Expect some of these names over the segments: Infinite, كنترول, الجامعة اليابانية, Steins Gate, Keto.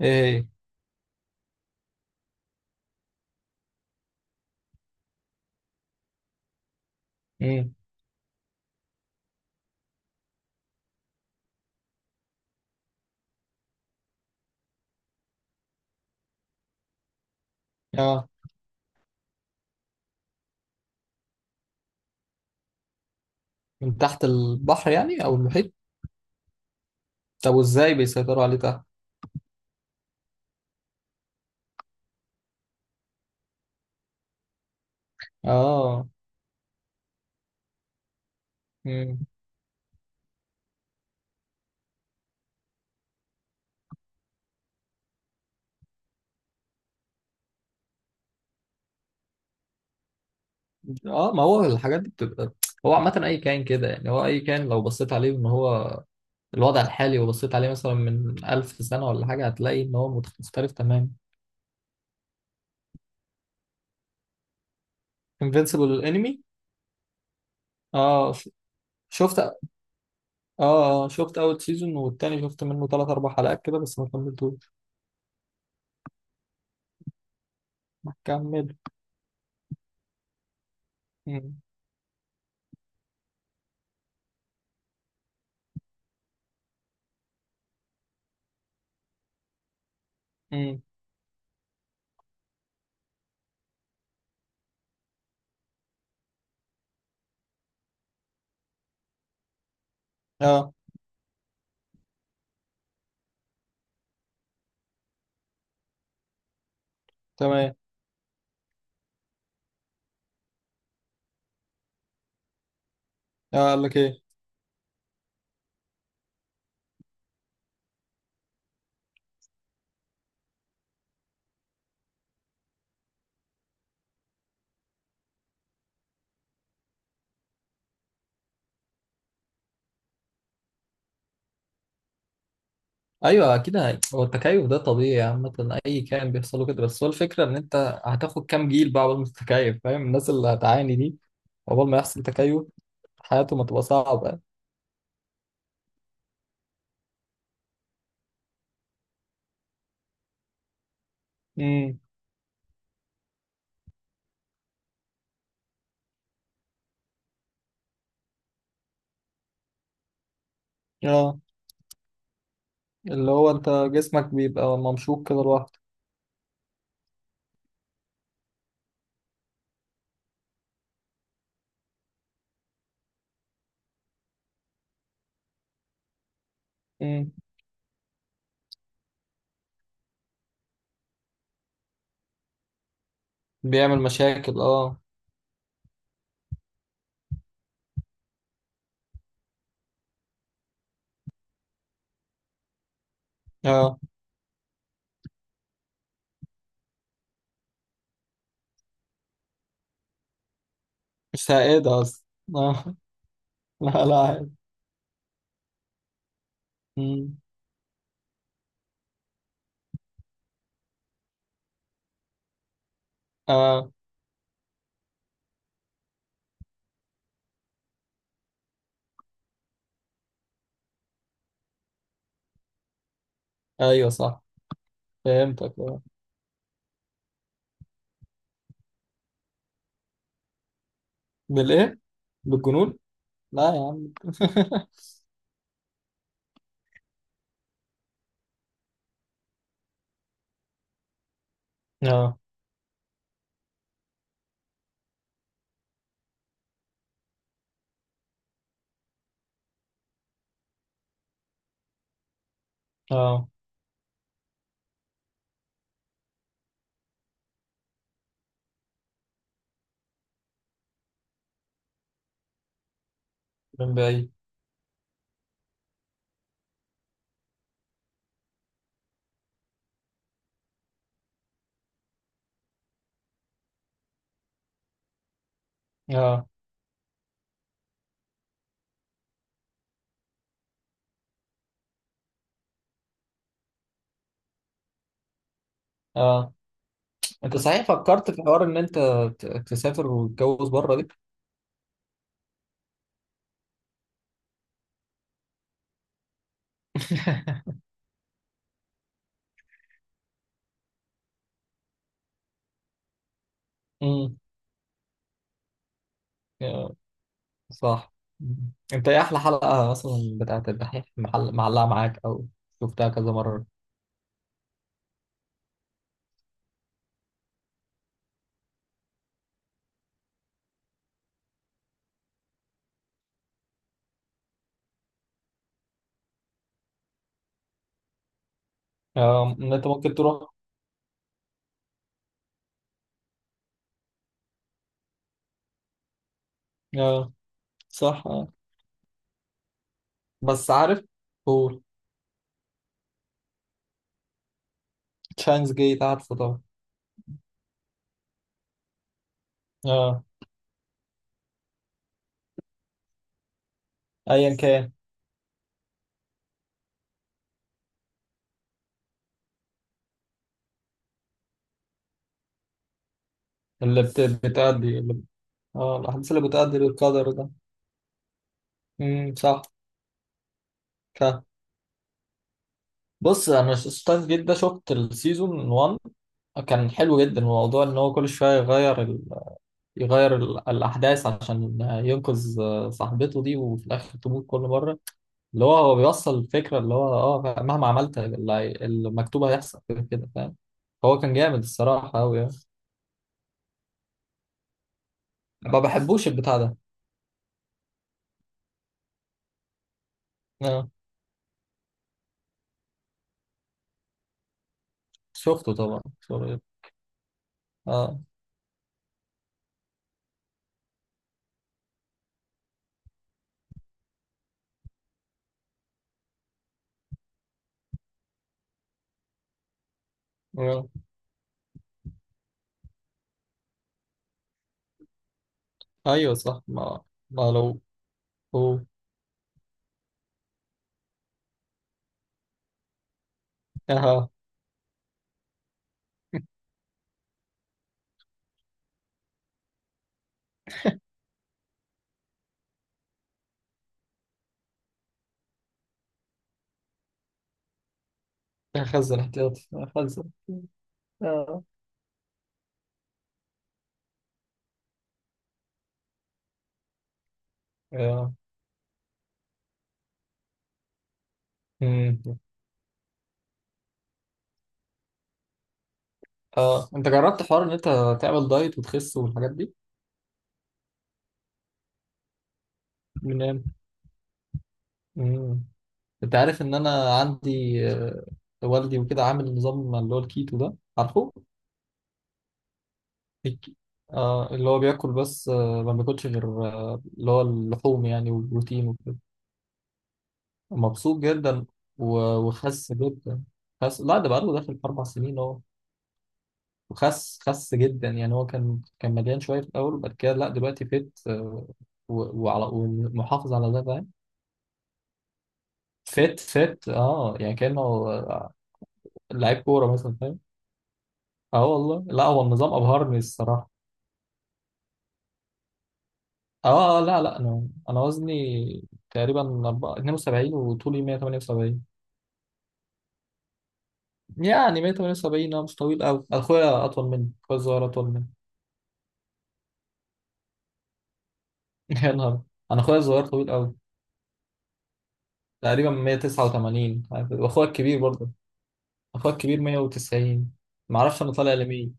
ايه. امم. اه. من تحت البحر يعني او المحيط؟ طب وازاي بيسيطروا عليه تحت؟ اه. امم. اه، ما هو الحاجات دي بتبقى. هو عامة اي كائن كده، يعني هو اي كائن لو بصيت عليه ان هو الوضع الحالي، وبصيت عليه مثلا من 1000 سنة ولا حاجة، هتلاقي ان هو مختلف تماما. انفينسيبل انمي؟ اه شفت، اه. آه، شفت اول سيزون، والتاني شفت منه ثلاث اربع حلقات كده بس ما كملتوش. ما كمل. امم. امم. اه. تمام. اه، قال لك ايه؟ ايوه اكيد، هو التكيف ده طبيعي عامه، اي كائن بيحصل له كده، بس هو الفكره ان انت هتاخد كام جيل بقى عقبال ما تتكيف، فاهم؟ الناس اللي هتعاني دي عقبال ما يحصل تكيف حياتهم هتبقى صعبه. امم. اه، اللي هو انت جسمك بيبقى ممشوق كده لوحده. امم. بيعمل مشاكل، اه. اه، مش سائده اصلا. اه. لا لا عادي. امم. اه. ايوه صح. فهمتك اه. بالايه؟ بالجنون. لا يا عم اه. اه، من بعيد. اه. اه، انت صحيح فكرت في حوار ان انت تسافر وتتجوز بره دي؟ امم. يا- صح. مم. انت ايه احلى حلقة مثلا بتاعت الدحيح محل معلقة معاك، او شفتها كذا مرة؟ آه، ان انت ممكن تروح. آه. صح آه. بس عارف. هو. تشاينز جيت عارفه طبعا. اه. ايا كان. اللي بت... بتأدي اللي... اه، الاحداث اللي بتأدي للقدر ده. صح. بص، انا ستايف جيت ده شفت السيزون 1، كان حلو جدا. الموضوع ان هو كل شويه يغير ال...، يغير ال... الاحداث عشان ينقذ صاحبته دي، وفي الاخر تموت كل مره. اللي هو هو بيوصل الفكره اللي هو اه مهما عملت، المكتوب هيحصل كده كده، فاهم؟ هو كان جامد الصراحه قوي يعني. ما بحبوش البتاع ده. اه شفته طبعا، شفته. اه آه. ايوه صح ما. ما لو. هو. اه. خزن احتياطي. خزن. آه. اه. مم. اه، انت جربت حوار ان انت تعمل دايت وتخس والحاجات دي؟ منين. مم. انت عارف ان انا عندي آه، والدي وكده عامل نظام اللي هو الكيتو ده، عارفه؟ الك- آه، اللي هو بياكل بس آه، ما بياكلش غير آه اللي هو اللحوم، يعني والبروتين وكده. مبسوط جدا. وخس جدا. خس، لا ده بقاله داخل في 4 سنين اهو. وخس خس جدا، يعني هو كان مليان شويه في الاول، وبعد كده لا دلوقتي فت، آه، وعلى، ومحافظ على ده، فاهم؟ فت فت، اه، يعني كانه آه، لعيب كوره مثلا، فاهم؟ اه والله، لا هو النظام ابهرني الصراحه. اه آه، لا لا، انا وزني تقريبا 72، وطولي 178، يعني 178، اه مش طويل قوي، اخويا اطول مني، اخويا الصغير اطول مني. يا نهار، انا اخويا الصغير طويل قوي، تقريبا 189، واخويا الكبير برضه. اخوك كبير 190. ما اعرفش انا طالع لمين.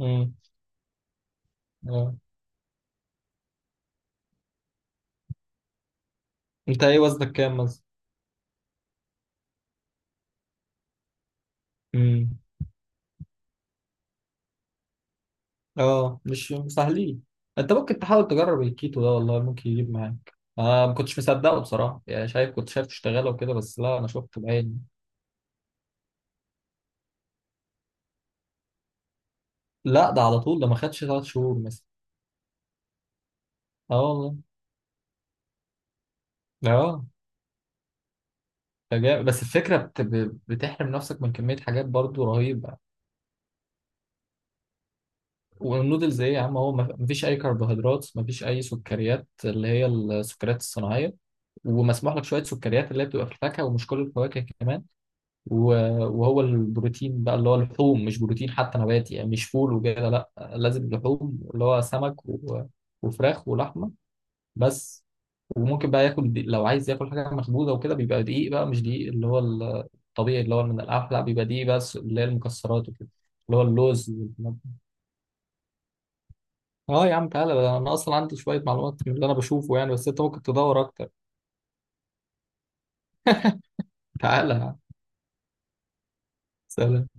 امم. اه. انت ايه وزنك كام مثلا؟ امم. اه مش سهلين. انت ممكن تحاول تجرب الكيتو ده، والله ممكن يجيب معاك. انا ما كنتش مصدقه بصراحه، يعني شايف كنت شايف تشتغله وكده، بس لا انا شفته بعيني. لا ده على طول، ده ما خدش 3 شهور مثلا. اه والله. اه. ده جامد، بس الفكره بتحرم نفسك من كميه حاجات برضو رهيبه. والنودلز ايه يا عم، هو ما فيش اي كربوهيدرات، ما فيش اي سكريات اللي هي السكريات الصناعيه، ومسموح لك شويه سكريات اللي هي بتبقى في الفاكهه، ومش كل الفواكه كمان. وهو البروتين بقى اللي هو اللحوم، مش بروتين حتى نباتي يعني، مش فول وكده، لا لازم لحوم اللي هو سمك وفراخ ولحمه، بس. وممكن بقى ياكل لو عايز ياكل حاجه مخبوزه وكده، بيبقى دقيق بقى مش دقيق اللي هو الطبيعي اللي هو من القمح، لا بيبقى دقيق بس اللي هي المكسرات وكده، اللي هو اللوز والكلام ده. اه يا عم تعالى، ده انا اصلا عندي شويه معلومات من اللي انا بشوفه يعني، بس انت ممكن تدور اكتر. تعالى يا عم. سلام.